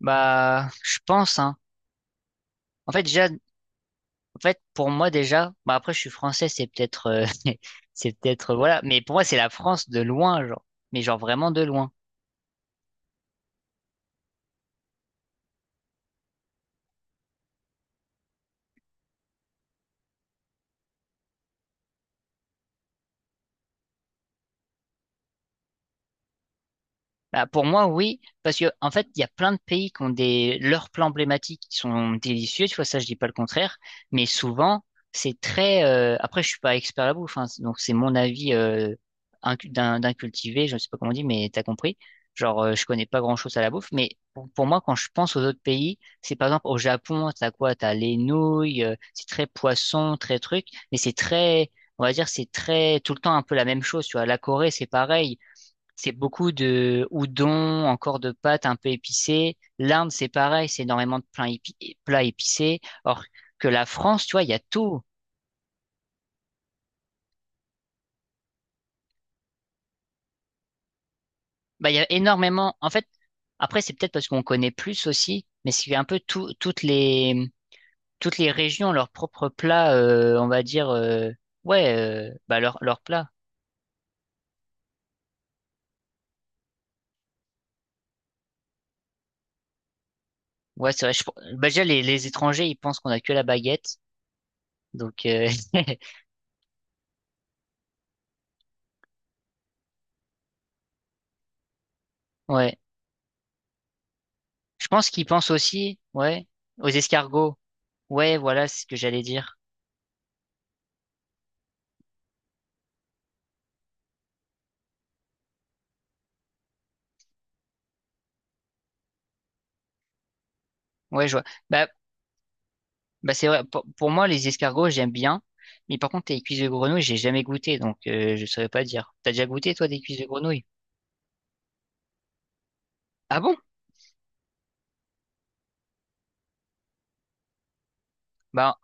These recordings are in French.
Bah, je pense, hein. En fait, déjà, en fait, pour moi, déjà, bah après, je suis français, c'est peut-être, c'est peut-être, voilà. Mais pour moi, c'est la France de loin, genre. Mais genre vraiment de loin. Bah, pour moi, oui, parce que en fait, il y a plein de pays qui ont des leurs plats emblématiques qui sont délicieux, tu vois, ça je dis pas le contraire, mais souvent c'est très. Après, je suis pas expert à la bouffe, hein, donc c'est mon avis d'un cultivé, je ne sais pas comment on dit, mais t'as compris. Genre, je connais pas grand-chose à la bouffe, mais pour moi, quand je pense aux autres pays, c'est par exemple au Japon, t'as quoi? T'as les nouilles, c'est très poisson, très truc, mais c'est très, on va dire, c'est très tout le temps un peu la même chose, tu vois. La Corée, c'est pareil, c'est beaucoup de udon, encore de pâtes un peu épicées. L'Inde, c'est pareil, c'est énormément de plats épicés. Or que la France, tu vois, il y a tout. Bah, il y a énormément. En fait, après, c'est peut-être parce qu'on connaît plus aussi, mais c'est un peu tout, toutes les régions, leurs propres plats, on va dire, ouais, bah, leurs plats. Ouais, c'est vrai. Bah, déjà, les étrangers, ils pensent qu'on a que la baguette. Donc, ouais. Je pense qu'ils pensent aussi, ouais, aux escargots. Ouais, voilà c'est ce que j'allais dire. Ouais, je vois. Bah, bah c'est vrai. Pour moi, les escargots, j'aime bien. Mais par contre, les cuisses de grenouille, j'ai jamais goûté, donc je saurais pas dire. T'as déjà goûté, toi, des cuisses de grenouille? Ah bon? Bah,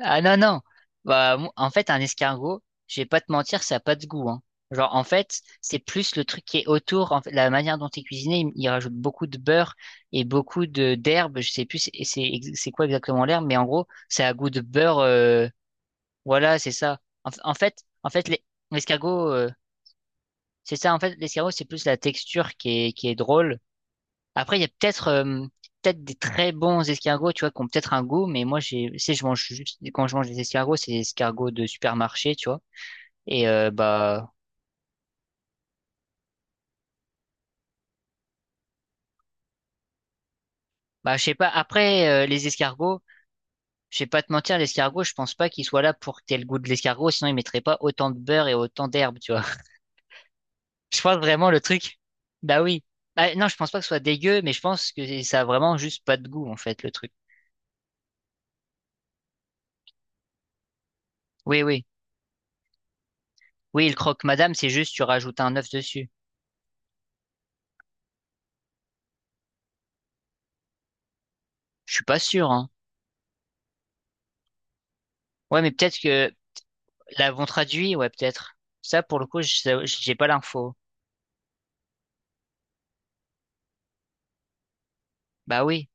ah non, non. Bah, en fait, un escargot, je vais pas te mentir, ça a pas de goût, hein. Genre, en fait, c'est plus le truc qui est autour, en fait, la manière dont est cuisiné, il rajoute beaucoup de beurre et beaucoup de d'herbes. Je sais plus c'est c'est quoi exactement l'herbe, mais en gros, ça a goût de beurre. Voilà, c'est ça. En fait, l'escargot, c'est ça. En fait, l'escargot, c'est plus la texture qui est drôle. Après, il y a peut-être peut-être des très bons escargots, tu vois, qui ont peut-être un goût, mais moi, tu sais, je mange juste, quand je mange des escargots, c'est des escargots de supermarché, tu vois. Et bah, bah, je sais pas. Après, les escargots, je vais pas te mentir, l'escargot, je pense pas qu'il soit là pour que t'aies le goût de l'escargot, sinon il mettrait pas autant de beurre et autant d'herbe, tu vois. Je pense vraiment le truc. Bah oui. Bah, non, je pense pas que ce soit dégueu, mais je pense que ça a vraiment juste pas de goût, en fait, le truc. Oui, oui. Oui, le croque-madame, c'est juste tu rajoutes un œuf dessus. Je suis pas sûr, hein. Ouais, mais peut-être que l'avons traduit, ouais, peut-être. Ça, pour le coup, j'ai pas l'info. Bah oui.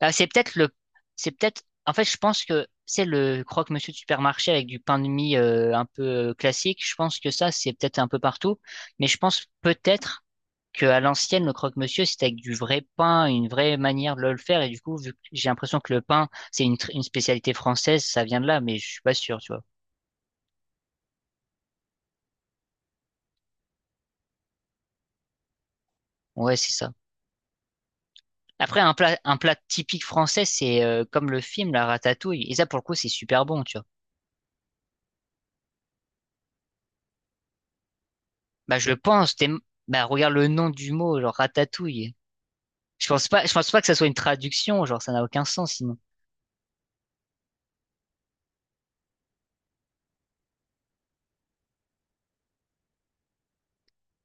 Ah, c'est peut-être le, c'est peut-être, en fait, je pense que c'est le croque-monsieur de supermarché avec du pain de mie un peu classique. Je pense que ça, c'est peut-être un peu partout, mais je pense peut-être que à l'ancienne, le croque-monsieur, c'était avec du vrai pain, une vraie manière de le faire. Et du coup, vu que j'ai l'impression que le pain, c'est une spécialité française, ça vient de là, mais je suis pas sûr, tu vois. Ouais, c'est ça. Après, un plat typique français, c'est comme le film, la ratatouille. Et ça, pour le coup, c'est super bon, tu vois. Bah, bah, regarde le nom du mot, genre ratatouille. Je pense pas que ça soit une traduction, genre, ça n'a aucun sens, sinon.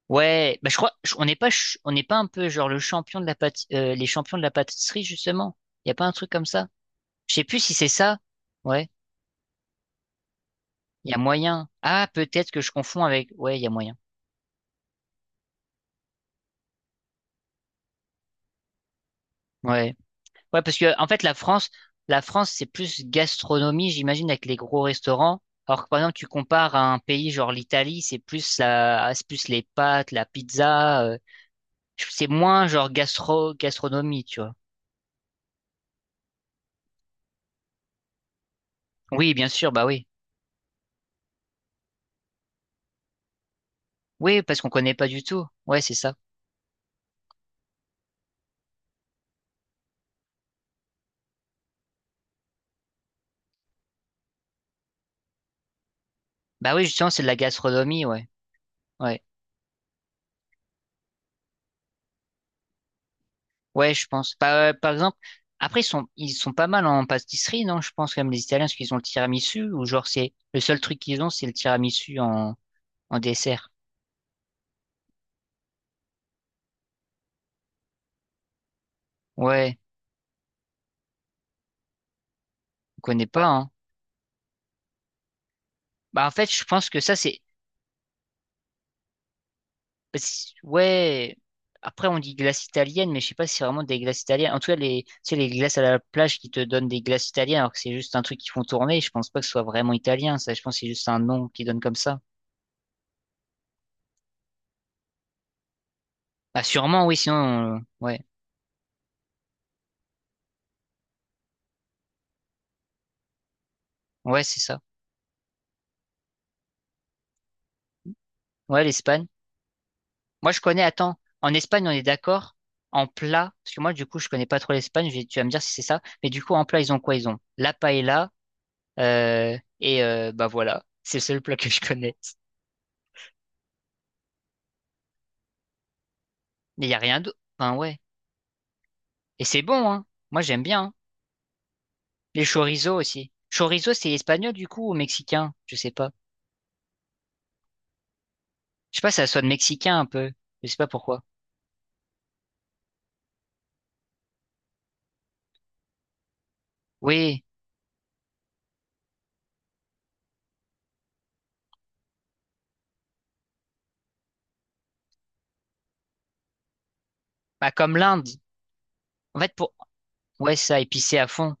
Ouais, bah, on n'est pas, on n'est pas un peu, genre, le champion de la pâti- les champions de la pâtisserie, justement. Y a pas un truc comme ça? Je sais plus si c'est ça. Ouais, il y a moyen. Ah, peut-être que je confonds avec. Ouais, il y a moyen. Ouais. Ouais, parce que en fait, la France, c'est plus gastronomie, j'imagine, avec les gros restaurants. Alors que par exemple, tu compares à un pays genre l'Italie, c'est plus c'est plus les pâtes, la pizza. C'est moins genre gastro, gastronomie, tu vois. Oui, bien sûr, bah oui. Oui, parce qu'on connaît pas du tout. Ouais, c'est ça. Bah oui, justement, c'est de la gastronomie, ouais. Ouais. Ouais, je pense. Par exemple, après, ils sont pas mal en pâtisserie, non? Je pense, comme les Italiens, parce qu'ils ont le tiramisu, ou genre, c'est le seul truc qu'ils ont, c'est le tiramisu en, en dessert. Ouais, on connaît pas, hein. Bah, en fait, je pense que ça, c'est, ouais, après, on dit glace italienne, mais je sais pas si c'est vraiment des glaces italiennes. En tout cas, les, tu sais, les glaces à la plage qui te donnent des glaces italiennes, alors que c'est juste un truc qu'ils font tourner, je pense pas que ce soit vraiment italien, ça. Je pense que c'est juste un nom qu'ils donnent comme ça. Bah, sûrement, oui, sinon, ouais. Ouais, c'est ça. Ouais, l'Espagne. Moi, je connais, attends, en Espagne, on est d'accord? En plat, parce que moi, du coup, je connais pas trop l'Espagne, tu vas me dire si c'est ça, mais du coup, en plat, ils ont quoi? Ils ont la paella, et bah voilà, c'est le seul plat que je connais. Mais il n'y a rien d'autre. Enfin, ouais. Et c'est bon, hein. Moi, j'aime bien. Hein. Les chorizo aussi. Chorizo, c'est espagnol, du coup, ou mexicain? Je sais pas. Je sais pas, si ça sonne mexicain un peu. Je sais pas pourquoi. Oui, bah comme l'Inde. En fait, pour... Ouais, ça, épicé à fond.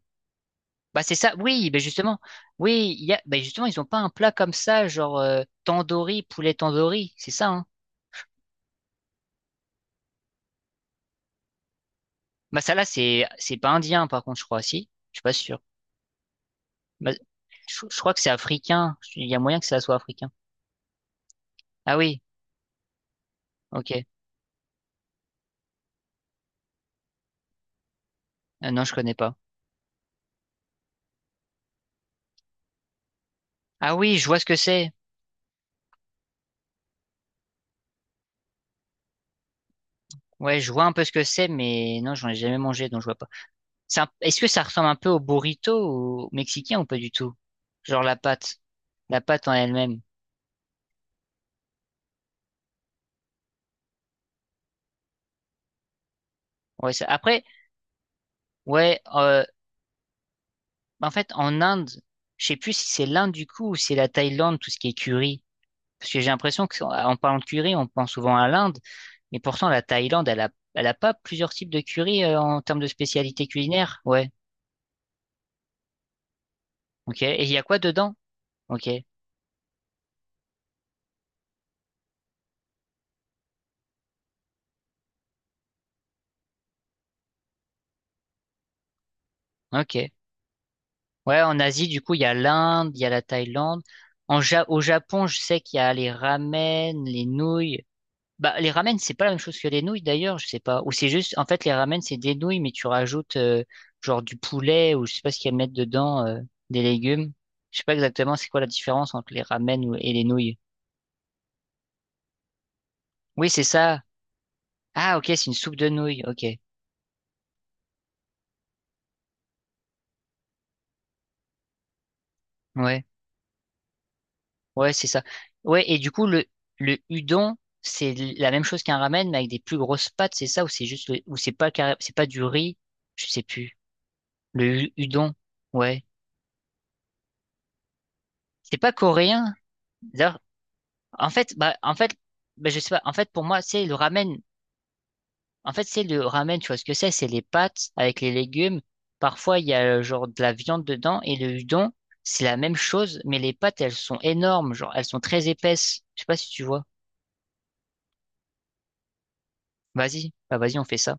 Bah c'est ça, oui, bah justement, oui, il y a, bah justement, ils ont pas un plat comme ça, genre tandoori, poulet tandoori, c'est ça, hein. Bah ça là, c'est pas indien par contre, je crois, si, je suis pas sûr. Bah, je crois que c'est africain, il y a moyen que ça soit africain. Ah oui, ok. Non, je connais pas. Ah oui, je vois ce que c'est. Ouais, je vois un peu ce que c'est, mais non, j'en ai jamais mangé, donc je vois pas. Est-ce que ça ressemble un peu au burrito au mexicain ou pas du tout? Genre la pâte, la pâte en elle-même. Ouais, ça... après, ouais. En fait, en Inde, je sais plus si c'est l'Inde du coup ou si c'est la Thaïlande, tout ce qui est curry. Parce que j'ai l'impression qu'en parlant de curry, on pense souvent à l'Inde, mais pourtant la Thaïlande, elle a pas plusieurs types de curry en termes de spécialité culinaire. Ouais, ok. Et il y a quoi dedans? Ok, ok. Ouais, en Asie, du coup, il y a l'Inde, il y a la Thaïlande. Au Japon, je sais qu'il y a les ramen, les nouilles. Bah, les ramen, c'est pas la même chose que les nouilles d'ailleurs, je sais pas. Ou c'est juste, en fait, les ramen, c'est des nouilles, mais tu rajoutes genre du poulet ou je sais pas ce qu'il y a à mettre dedans, des légumes. Je sais pas exactement c'est quoi la différence entre et les nouilles. Oui, c'est ça. Ah, ok, c'est une soupe de nouilles. Ok. Ouais. Ouais, c'est ça. Ouais, et du coup, le udon, c'est la même chose qu'un ramen, mais avec des plus grosses pâtes, c'est ça? Ou c'est juste, ou c'est pas, c'est pas du riz? Je sais plus. Udon. Ouais. C'est pas coréen. En fait, bah, je sais pas. En fait, pour moi, c'est le ramen. En fait, c'est le ramen, tu vois ce que c'est? C'est les pâtes avec les légumes. Parfois, il y a genre de la viande dedans et le udon, c'est la même chose, mais les pâtes, elles sont énormes, genre elles sont très épaisses. Je sais pas si tu vois. Vas-y, bah vas-y, on fait ça.